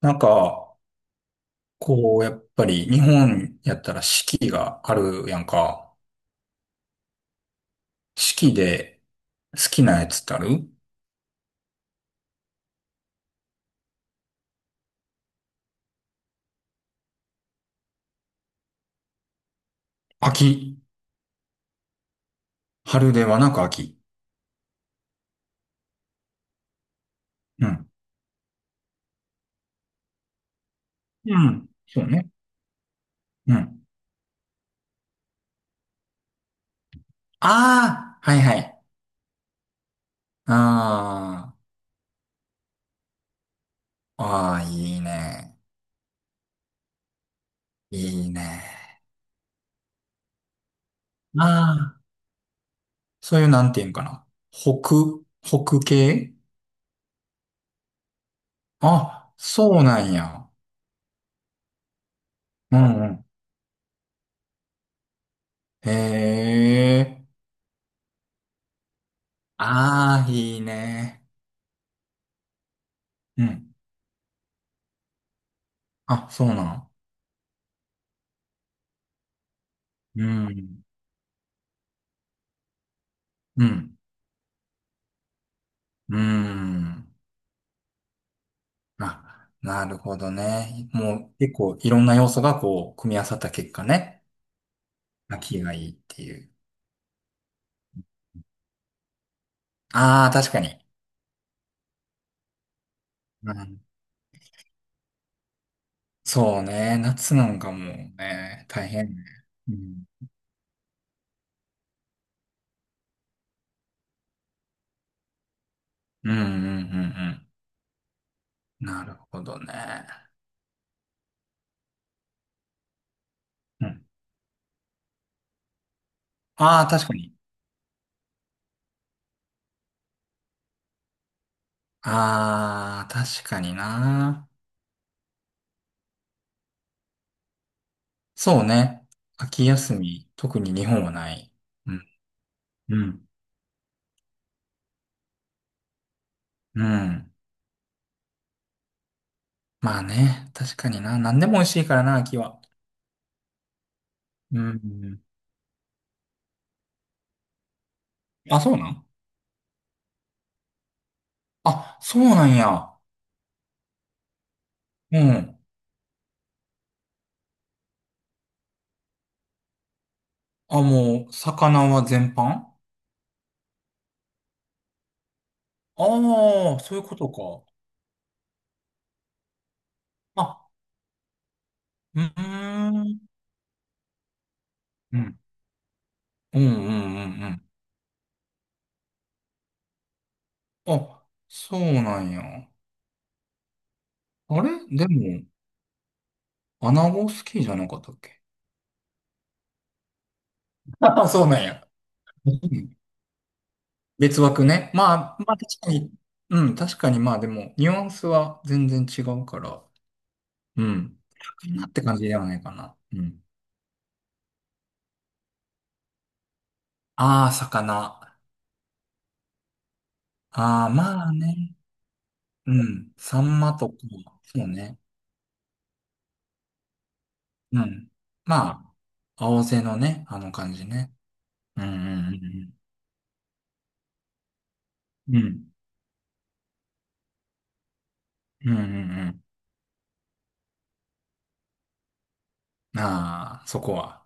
なんか、やっぱり日本やったら四季があるやんか。四季で好きなやつってある？秋。春ではなく秋。うん。うん。そうね。うん。ああ、はいはい。ああ、ああ、いいね。いいね。ああ、そういうなんていうんかな。北系。あ、そうなんや。うんうん。へえ。ああ、いいね。うん。あ、そうなん。うん。うん。うん。あ、なるほどね。もう結構いろんな要素がこう、組み合わさった結果ね。秋がいいっていう。ああ、確かに。うん。そうね。夏なんかもうね、大変ね。うん。うんうんうんうん。なるほどね。うん。ああ、確かに。ああ、確かにな。そうね。秋休み、特に日本はない。うん。うん。うん。まあね、確かにな。何でも美味しいからな、秋は。うん。あ、そうなん。あ、そうなんや。うん。あ、もう、魚は全般？ああー、そういうことか。あ、うーん。うん。うんうんうんうん。あ、そうなんや。あれ、でも、穴子好きじゃなかったっけ？あ、そうなんや。うん。別枠ね。まあ、まあ確かに。うん、確かにまあでも、ニュアンスは全然違うから。うん。魚って感じではないかな。うん。ああ、魚。ああ、まあね。うん。サンマとか、そうね。うん。まあ、青背のね、あの感じね。うんうんうんうん。うん。うんうんうん。ああ、そこは。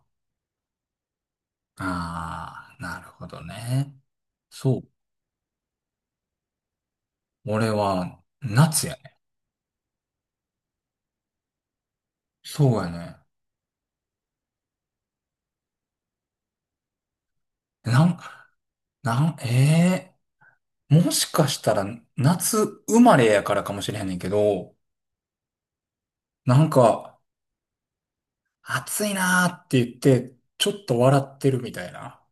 ああ、なるほどね。そう。俺は、夏やね。そうやね。なん、なん、ええ、もしかしたら、夏生まれやからかもしれへんねんけど、なんか、暑いなーって言って、ちょっと笑ってるみたいな。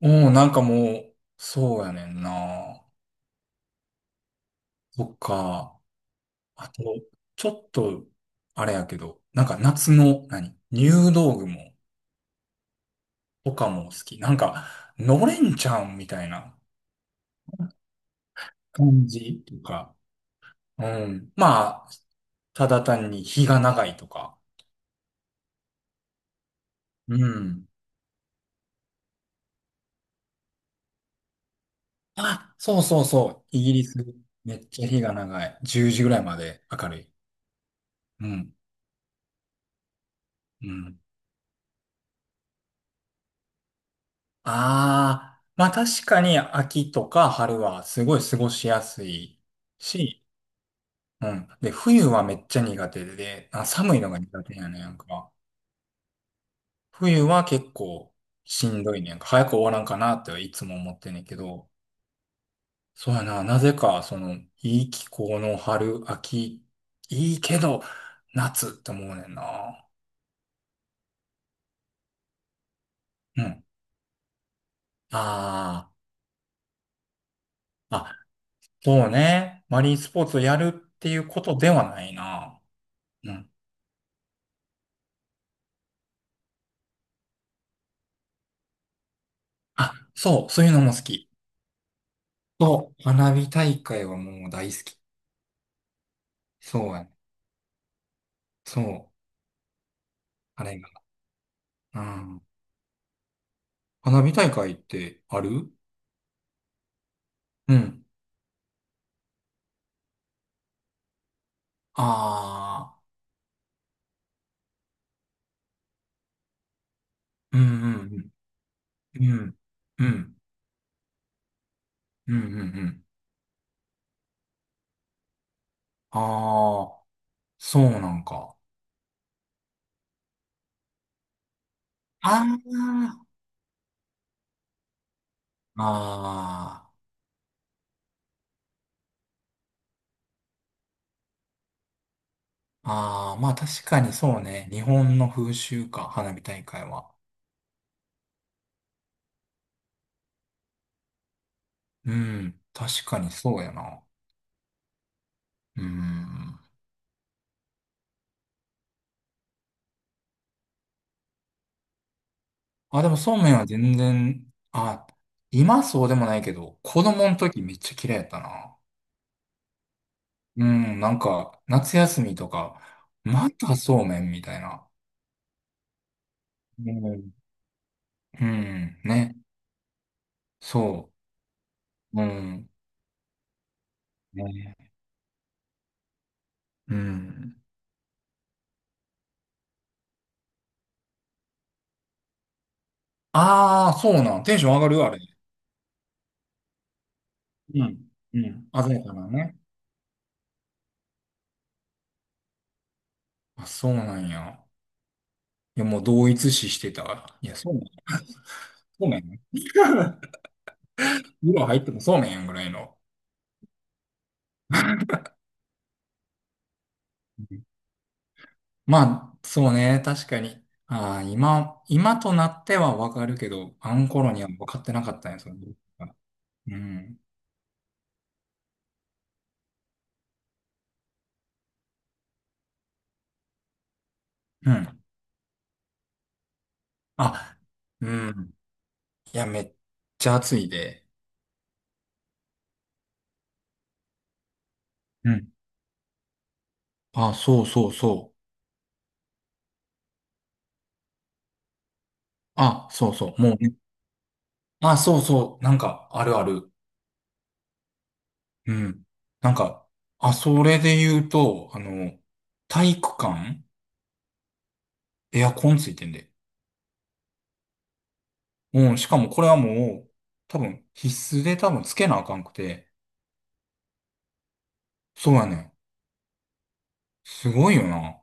うん、なんかもう、そうやねんな。そっか。あと、ちょっと、あれやけど、なんか夏の、何、入道雲とかも好き。なんか、のれんちゃんみたいな感じとか。うん。まあ、ただ単に日が長いとか。うん。あ、そうそうそう。イギリス、めっちゃ日が長い。10時ぐらいまで明るい。うん。うん。ああ、まあ確かに秋とか春はすごい過ごしやすいし、うん。で、冬はめっちゃ苦手で、あ、寒いのが苦手やねんやんか。冬は結構しんどいねんやんか。早く終わらんかなっていつも思ってんねんけど、そうやな、なぜかその、いい気候の春、秋、いいけど、夏って思うねんな。うん。ああ、あ、そうね。マリンスポーツをやるっていうことではないな。あ、そう、そういうのも好き。そう、花火大会はもう大好き。そうやね。そう、あれが。うん。花火大会ってある？うん。ああ、うんうんうん。うん。うん。うんうんうん。ああ、そうなんか。ああ、ああ、ああ、まあ確かにそうね。日本の風習か、花火大会は。うん。確かにそうやな。うん。あ、でもそうめんは全然、あ、今そうでもないけど、子供の時めっちゃ嫌いやったな。うん、なんか、夏休みとか、またそうめんみたいな。うん、うんね、そう。うん、ね、うん。ああ、そうなん。テンション上がるあれ？うん、うん。鮮やかなね。あ、そうなんや。いや、もう同一視してたわ。いや、そうめん。そうめんね。色入ってもそうめんやんぐらいの。まあ、そうね、確かに。ああ、今、今となってはわかるけど、あの頃には分かってなかったね、その時は。うん。うん。あ、うん。いや、めっちゃ暑いで。うん。あ、そうそうそう。あ、そうそう。もうね。あ、そうそう。なんか、あるある。うん。なんか、あ、それで言うと、あの、体育館エアコンついてんで。うん。しかもこれはもう、多分、必須で多分つけなあかんくて。そうやねん。すごいよな。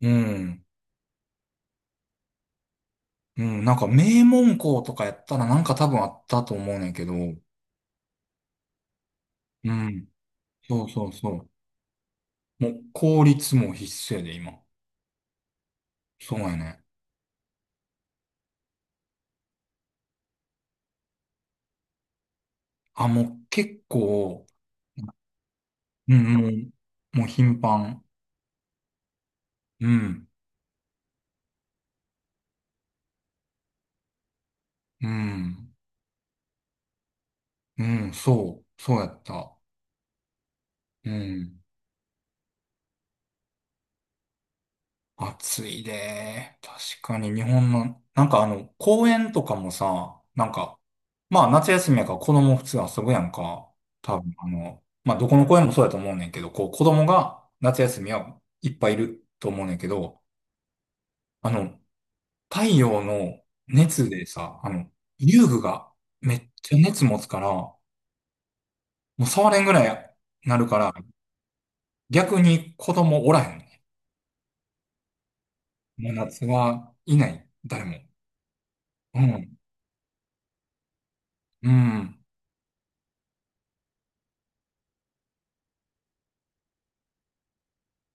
うん。うん。なんか名門校とかやったらなんか多分あったと思うねんけど。うん。そうそうそう。もう公立も必須やで、今。そうやね。あ、もう結構、うん、うん。もう頻繁。うん。うん。うん。そう。そうやった。うん。暑いで、確かに日本の、なんかあの、公園とかもさ、なんか、まあ夏休みやから子供普通遊ぶやんか。多分あの、まあどこの公園もそうやと思うねんけど、こう子供が夏休みはいっぱいいると思うねんけど、あの、太陽の熱でさ、あの、遊具がめっちゃ熱持つから、もう触れんぐらいなるから、逆に子供おらへんね。もう夏はいない、誰も。うん、うん。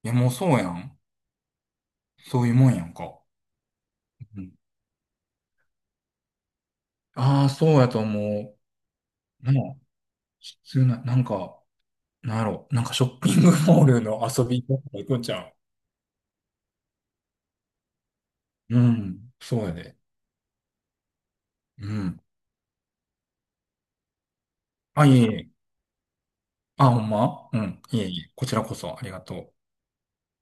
いや、もうそうやん。そういうもんやんか。うん。ああ、そうやと思う。なあ、普通な、なんか、なんやろ、なんかショッピングモールの遊びとか行くんちゃう？うん、そうやで。うん。あ、いえいえ。あ、ほんまうん、いえいえ。こちらこそありがとう。